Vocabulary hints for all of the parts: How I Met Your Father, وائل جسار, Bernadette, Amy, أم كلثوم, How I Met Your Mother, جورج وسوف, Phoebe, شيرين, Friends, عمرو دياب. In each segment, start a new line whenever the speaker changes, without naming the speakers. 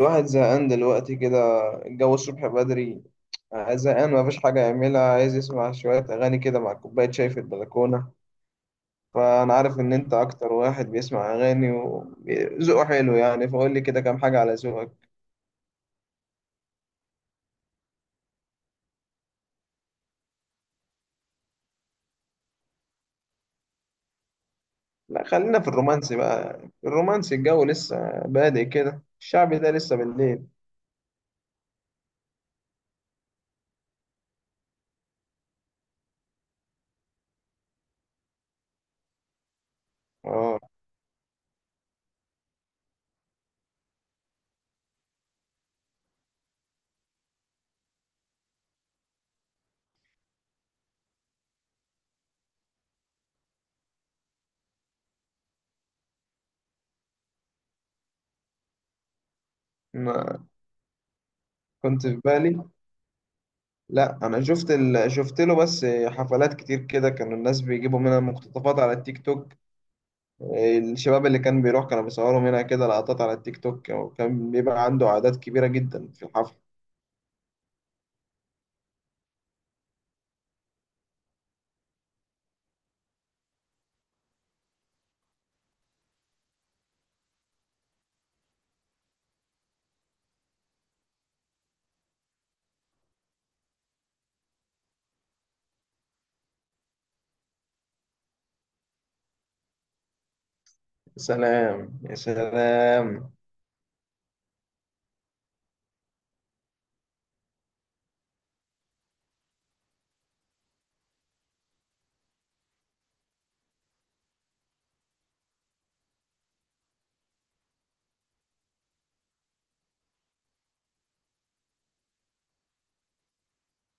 الواحد زهقان دلوقتي كده. الجو الصبح بدري. زهقان مفيش حاجة يعملها، عايز يسمع شوية أغاني كده مع كوباية شاي في البلكونة. فأنا عارف إن أنت أكتر واحد بيسمع أغاني وذوقه حلو يعني، فقول لي كده كام حاجة على ذوقك. لا، خلينا في الرومانسي بقى. الرومانسي الجو لسه بادئ كده، الشعبي ده لسه بالليل. اه. ما كنت في بالي. لا، انا شفت شفت له بس حفلات كتير كده، كانوا الناس بيجيبوا منها مقتطفات على التيك توك. الشباب اللي كان بيروح كانوا بيصوروا منها كده لقطات على التيك توك، وكان بيبقى عنده أعداد كبيرة جدا في الحفل. يا سلام يا سلام.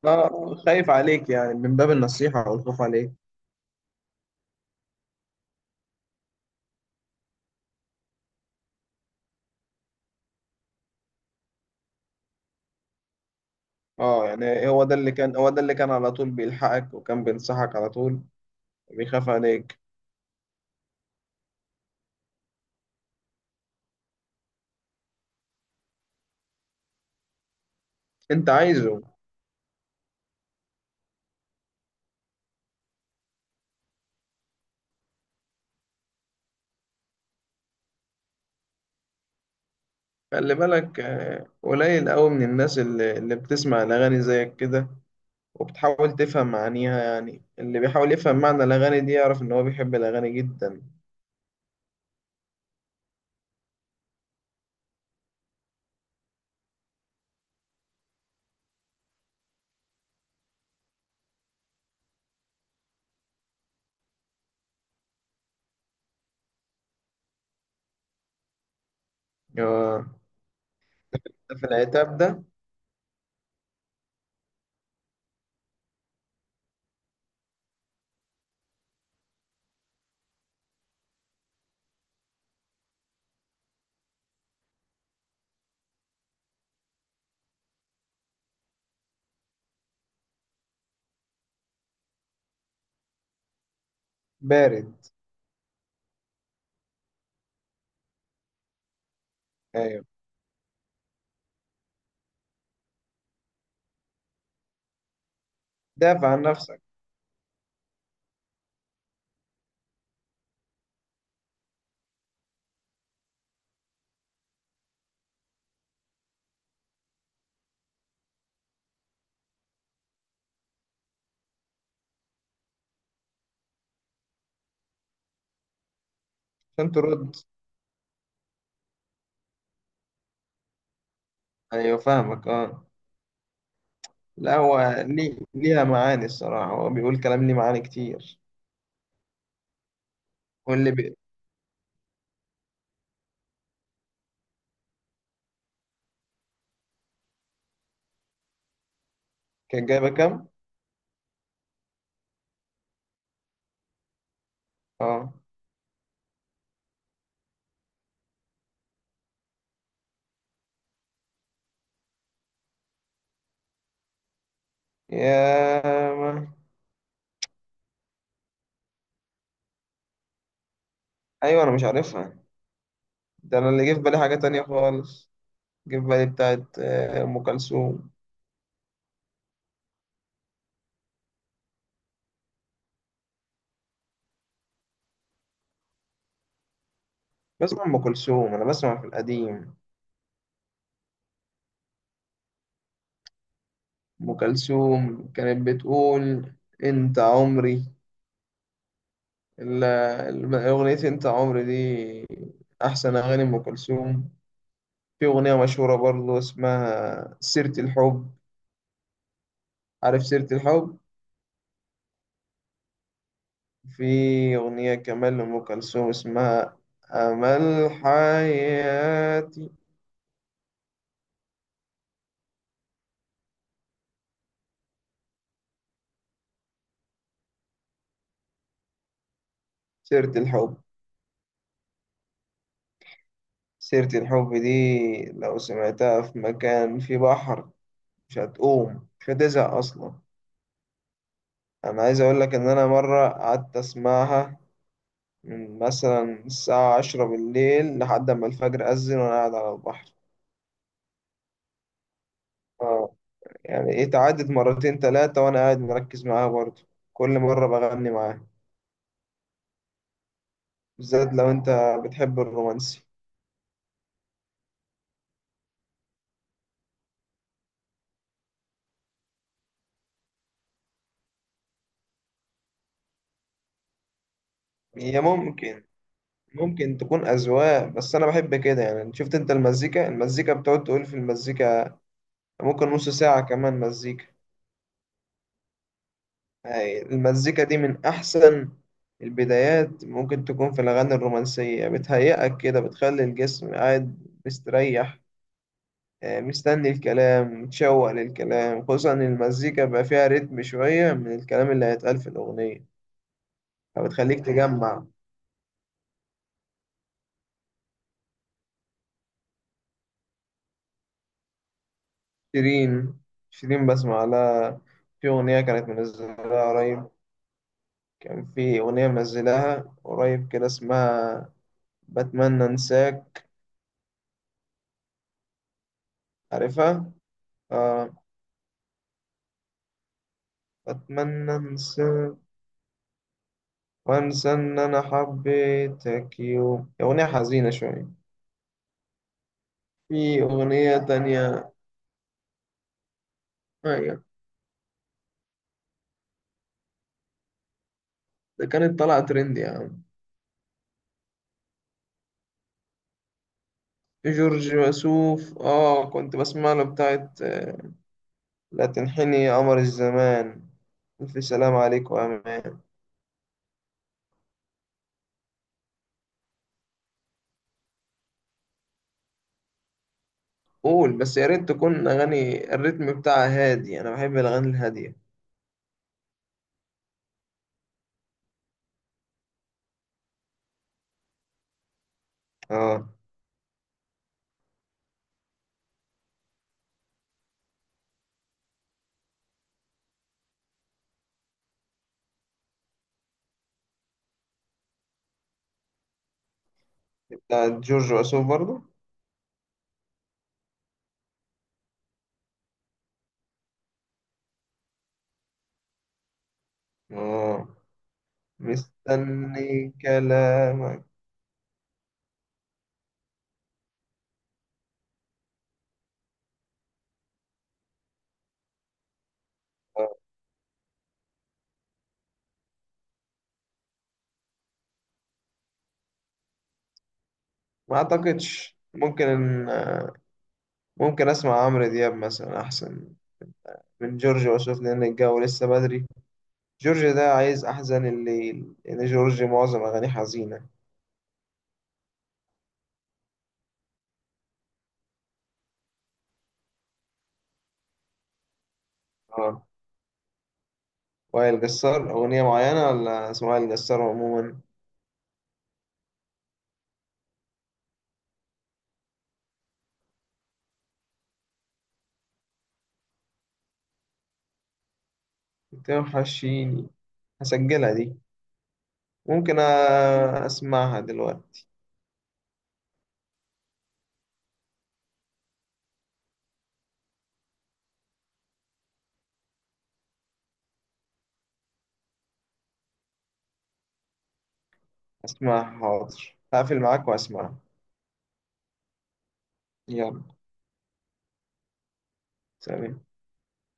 اه، خايف عليك يعني، من باب النصيحة والخوف عليك. اه يعني هو ده اللي كان، هو ده اللي كان على طول بيلحقك وكان بينصحك على طول. بيخاف عليك. انت عايزه. خلي بالك. قليل قوي من الناس اللي بتسمع الأغاني زيك كده وبتحاول تفهم معانيها، يعني اللي بيحاول يفهم معنى الأغاني دي يعرف إن هو بيحب الأغاني جدا. آه، في العتاب ده. بارد. ايوه. دافع عن نفسك. عشان ترد. ايوه فاهمك اه. لا هو ليه، ليها معاني الصراحة، هو بيقول كلام ليه معاني كتير. واللي بي... كان جايبة كام؟ اه. يا ما. ايوه انا مش عارفها. ده انا اللي جه في بالي حاجة تانية خالص. جه في بالي بتاعت ام كلثوم. بسمع ام كلثوم، انا بسمع في القديم. ام كلثوم كانت بتقول انت عمري. ال- أغنية أنت عمري دي أحسن أغاني أم كلثوم. في أغنية مشهورة برضو اسمها سيرة الحب. عارف سيرة الحب. في أغنية كمان لأم كلثوم اسمها أمل حياتي. سيرة الحب. سيرة الحب دي لو سمعتها في مكان في بحر مش هتقوم، مش هتزهق أصلا. أنا عايز أقول لك إن أنا مرة قعدت أسمعها من مثلا الساعة 10 بالليل لحد ما الفجر أذن وأنا قاعد على البحر. اه، يعني إيه تعدت مرتين تلاتة وأنا قاعد مركز معاها برضه، كل مرة بغني معاها. بالذات لو أنت بتحب الرومانسي. هي ممكن، ممكن تكون أذواق، بس أنا بحب كده يعني. شفت أنت المزيكا، المزيكا بتقعد تقول في المزيكا، ممكن نص ساعة كمان مزيكا. هاي المزيكا دي من أحسن البدايات ممكن تكون في الأغاني الرومانسية، بتهيئك كده، بتخلي الجسم قاعد مستريح. مستني الكلام، متشوق للكلام، خصوصا إن المزيكا بقى فيها رتم شوية من الكلام اللي هيتقال في الأغنية، فبتخليك تجمع. شيرين. شيرين بسمع لها. في أغنية كانت منزلها قريب. كان في أغنية منزلها قريب كده اسمها بتمنى أنساك. عارفها؟ آه. بتمنى أنساك وأنسى إن أنا حبيتك يوم، أغنية حزينة شوية. في أغنية تانية. أيوة. ده كانت طالعة ترند يا عم. جورج وسوف اه، كنت بسمع له بتاعت لا تنحني يا قمر الزمان، ألف سلام عليك وأمان. قول بس، يا ريت تكون أغاني الريتم بتاعها هادي، أنا بحب الأغاني الهادية. اه، بتاعت جورج وسوف برضو. اه، مستني كلامك. ما أعتقدش، ممكن، ممكن أسمع عمرو دياب مثلا أحسن من جورج وسوف لأن الجو لسه بدري. جورج ده عايز أحزن الليل، لأن جورج معظم أغانيه حزينة. اه. وائل جسار أغنية معينة ولا اسم وائل جسار عموما؟ بتوحشيني هسجلها دي. ممكن أ- أسمعها دلوقتي. أسمعها، حاضر، هقفل معاك وأسمعها. يلا. سلام.